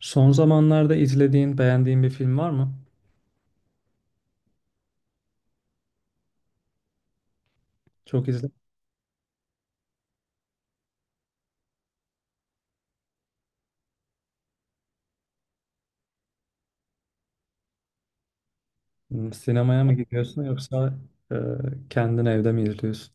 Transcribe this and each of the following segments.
Son zamanlarda izlediğin, beğendiğin bir film var mı? Çok izle. Hmm. Sinemaya mı gidiyorsun yoksa e, kendin evde mi izliyorsun?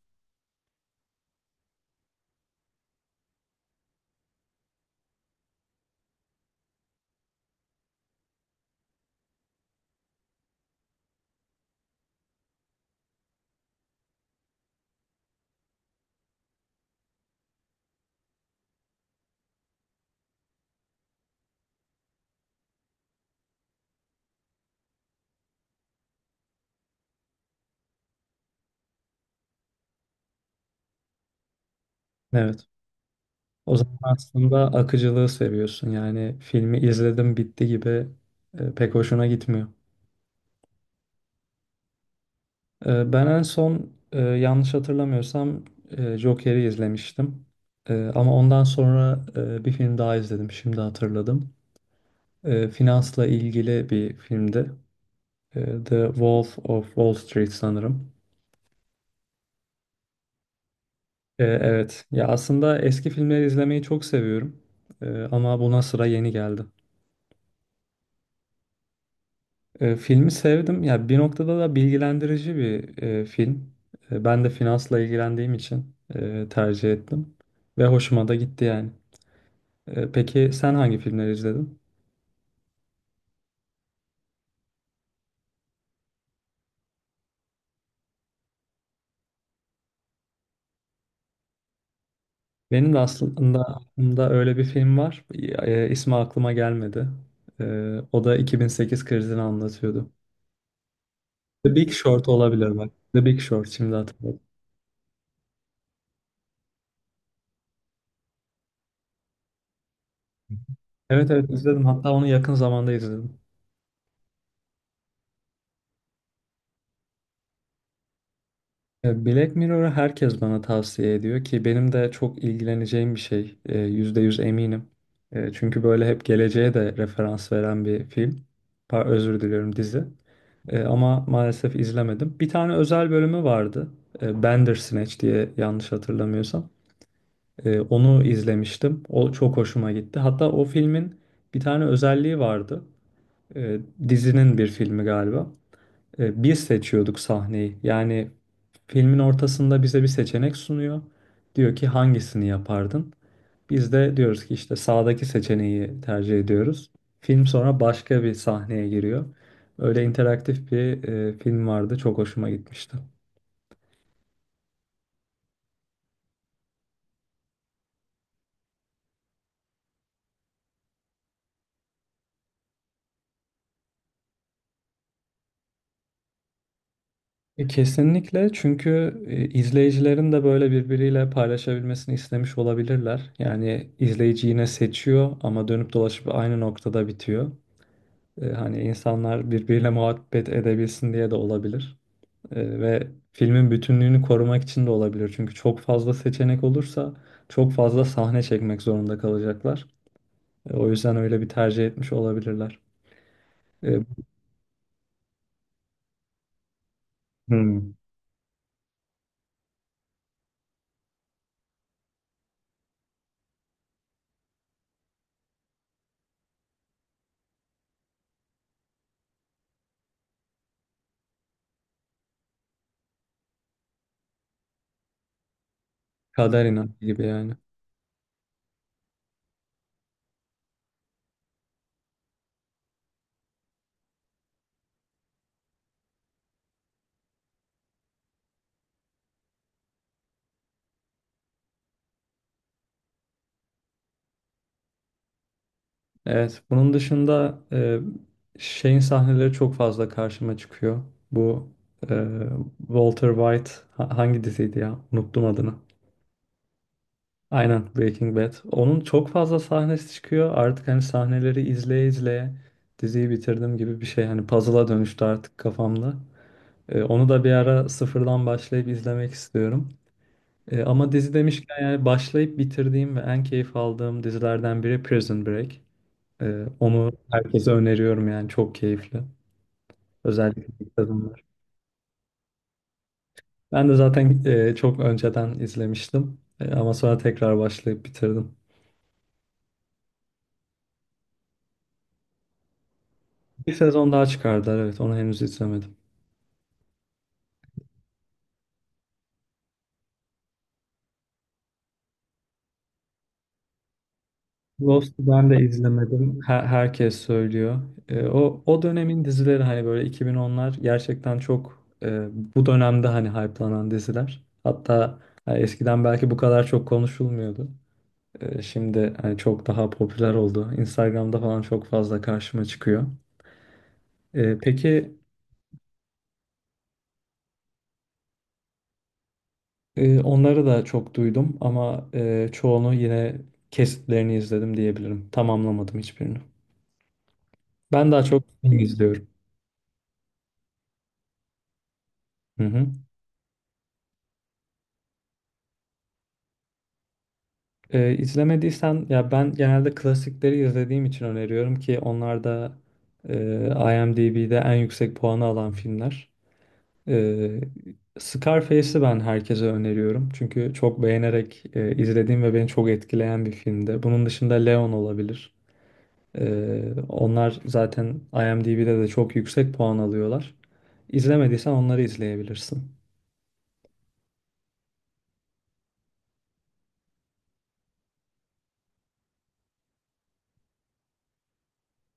Evet. O zaman aslında akıcılığı seviyorsun. Yani filmi izledim bitti gibi pek hoşuna gitmiyor. Ben en son yanlış hatırlamıyorsam Joker'i izlemiştim. Ama ondan sonra bir film daha izledim. Şimdi hatırladım. Finansla ilgili bir filmdi. The Wolf of Wall Street sanırım. Evet. Ya aslında eski filmleri izlemeyi çok seviyorum. Ama buna sıra yeni geldi. Filmi sevdim. Ya bir noktada da bilgilendirici bir film. Ben de finansla ilgilendiğim için tercih ettim ve hoşuma da gitti yani. Peki sen hangi filmleri izledin? Benim de aslında aklımda öyle bir film var. İsmi aklıma gelmedi. O da 2008 krizini anlatıyordu. The Big Short olabilir bak. The Big Short şimdi hatırladım. Evet, evet, izledim. Hatta onu yakın zamanda izledim. Black Mirror'ı herkes bana tavsiye ediyor ki benim de çok ilgileneceğim bir şey. Yüzde yüz eminim. Çünkü böyle hep geleceğe de referans veren bir film. Özür diliyorum, dizi. Ama maalesef izlemedim. Bir tane özel bölümü vardı. Bandersnatch diye yanlış hatırlamıyorsam. Onu izlemiştim. O çok hoşuma gitti. Hatta o filmin bir tane özelliği vardı. E, Dizinin bir filmi galiba. Biz seçiyorduk sahneyi. Yani filmin ortasında bize bir seçenek sunuyor. Diyor ki hangisini yapardın? Biz de diyoruz ki işte sağdaki seçeneği tercih ediyoruz. Film sonra başka bir sahneye giriyor. Öyle interaktif bir film vardı. Çok hoşuma gitmişti. Kesinlikle, çünkü izleyicilerin de böyle birbiriyle paylaşabilmesini istemiş olabilirler. Yani izleyici yine seçiyor ama dönüp dolaşıp aynı noktada bitiyor. Hani insanlar birbiriyle muhabbet edebilsin diye de olabilir. Ve filmin bütünlüğünü korumak için de olabilir. Çünkü çok fazla seçenek olursa çok fazla sahne çekmek zorunda kalacaklar. O yüzden öyle bir tercih etmiş olabilirler. E, Hmm. Kader inancı gibi yani. Evet, bunun dışında şeyin sahneleri çok fazla karşıma çıkıyor. Bu e, Walter White hangi diziydi ya? Unuttum adını. Aynen, Breaking Bad. Onun çok fazla sahnesi çıkıyor. Artık hani sahneleri izleye izleye diziyi bitirdim gibi bir şey. Hani puzzle'a dönüştü artık kafamda. Onu da bir ara sıfırdan başlayıp izlemek istiyorum. Ama dizi demişken yani başlayıp bitirdiğim ve en keyif aldığım dizilerden biri Prison Break. Onu herkese öneriyorum yani çok keyifli. Özellikle ilk sezonlar. Ben de zaten çok önceden izlemiştim. Ama sonra tekrar başlayıp bitirdim. Bir sezon daha çıkardılar, evet, onu henüz izlemedim. Lost'u ben de izlemedim. Herkes söylüyor. O dönemin dizileri hani böyle 2010'lar gerçekten çok bu dönemde hani hype'lanan diziler. Hatta eskiden belki bu kadar çok konuşulmuyordu. Şimdi hani çok daha popüler oldu. Instagram'da falan çok fazla karşıma çıkıyor. Peki onları da çok duydum ama çoğunu yine kesitlerini izledim diyebilirim. Tamamlamadım hiçbirini. Ben daha çok film izliyorum. Hı hı. İzlemediysen ya ben genelde klasikleri izlediğim için öneriyorum ki onlar da e, IMDb'de en yüksek puanı alan filmler. Ee, Scarface'i ben herkese öneriyorum. Çünkü çok beğenerek izlediğim ve beni çok etkileyen bir filmdi. Bunun dışında Leon olabilir. Onlar zaten IMDb'de de çok yüksek puan alıyorlar. İzlemediysen onları izleyebilirsin.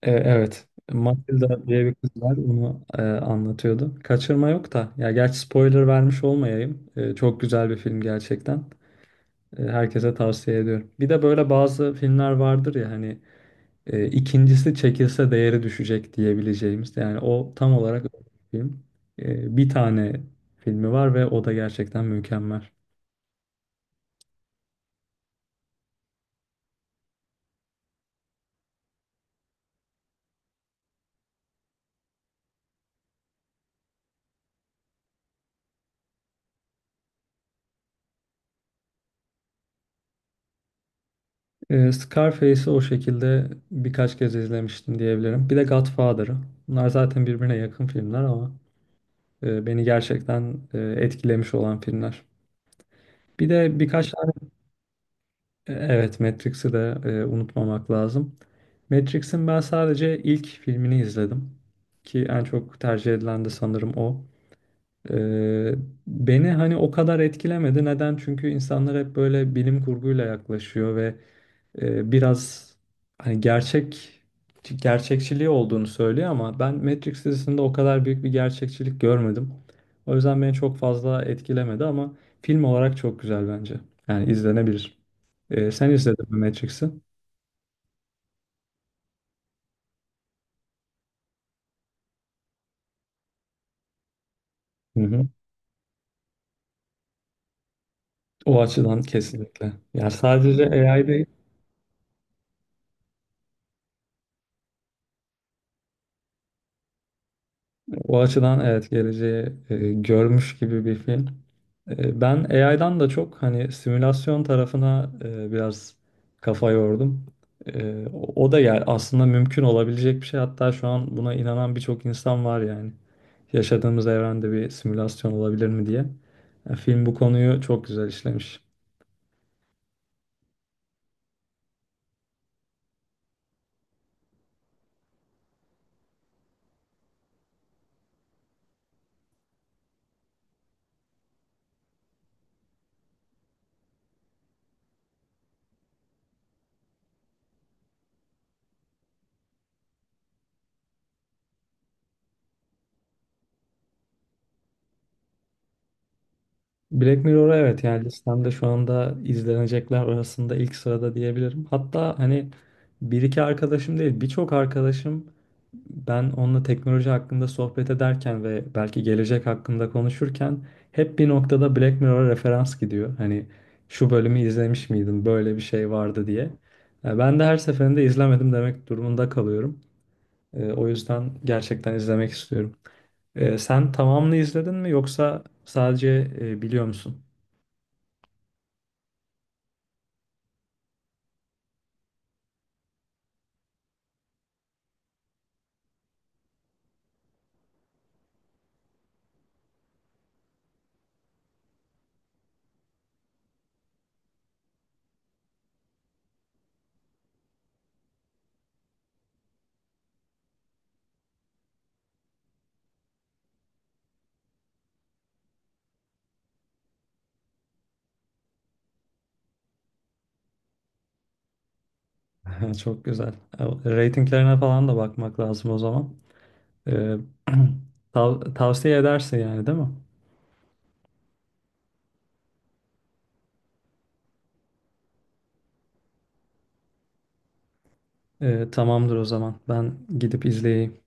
Evet. Matilda diye bir kız var. Onu anlatıyordu. Kaçırma yok da. Ya gerçi spoiler vermiş olmayayım. Çok güzel bir film gerçekten. Herkese tavsiye ediyorum. Bir de böyle bazı filmler vardır ya hani ikincisi çekilse değeri düşecek diyebileceğimiz. Yani o tam olarak öyle bir film. Bir tane filmi var ve o da gerçekten mükemmel. Scarface'i o şekilde birkaç kez izlemiştim diyebilirim. Bir de Godfather'ı. Bunlar zaten birbirine yakın filmler ama beni gerçekten etkilemiş olan filmler. Bir de birkaç tane evet, Matrix'i de unutmamak lazım. Matrix'in ben sadece ilk filmini izledim ki en çok tercih edilen de sanırım o. E, Beni hani o kadar etkilemedi. Neden? Çünkü insanlar hep böyle bilim kurguyla yaklaşıyor ve biraz hani gerçek gerçekçiliği olduğunu söylüyor ama ben Matrix dizisinde o kadar büyük bir gerçekçilik görmedim. O yüzden beni çok fazla etkilemedi ama film olarak çok güzel bence. Yani izlenebilir. Sen izledin mi Matrix'i? Hı hı. O açıdan kesinlikle. Yani sadece AI değil. O açıdan, evet, geleceği görmüş gibi bir film. Ben AI'dan da çok hani simülasyon tarafına biraz kafa yordum. O da yani aslında mümkün olabilecek bir şey. Hatta şu an buna inanan birçok insan var yani. Yaşadığımız evrende bir simülasyon olabilir mi diye. Film bu konuyu çok güzel işlemiş. Black Mirror'a, evet, yani listemde şu anda izlenecekler arasında ilk sırada diyebilirim. Hatta hani bir iki arkadaşım değil, birçok arkadaşım. Ben onunla teknoloji hakkında sohbet ederken ve belki gelecek hakkında konuşurken hep bir noktada Black Mirror'a referans gidiyor. Hani şu bölümü izlemiş miydin, böyle bir şey vardı diye. Ben de her seferinde izlemedim demek durumunda kalıyorum. O yüzden gerçekten izlemek istiyorum. Sen tamamını izledin mi yoksa sadece biliyor musun? Çok güzel. Ratinglerine falan da bakmak lazım o zaman. E, tavsiye edersin yani değil mi? Tamamdır o zaman. Ben gidip izleyeyim.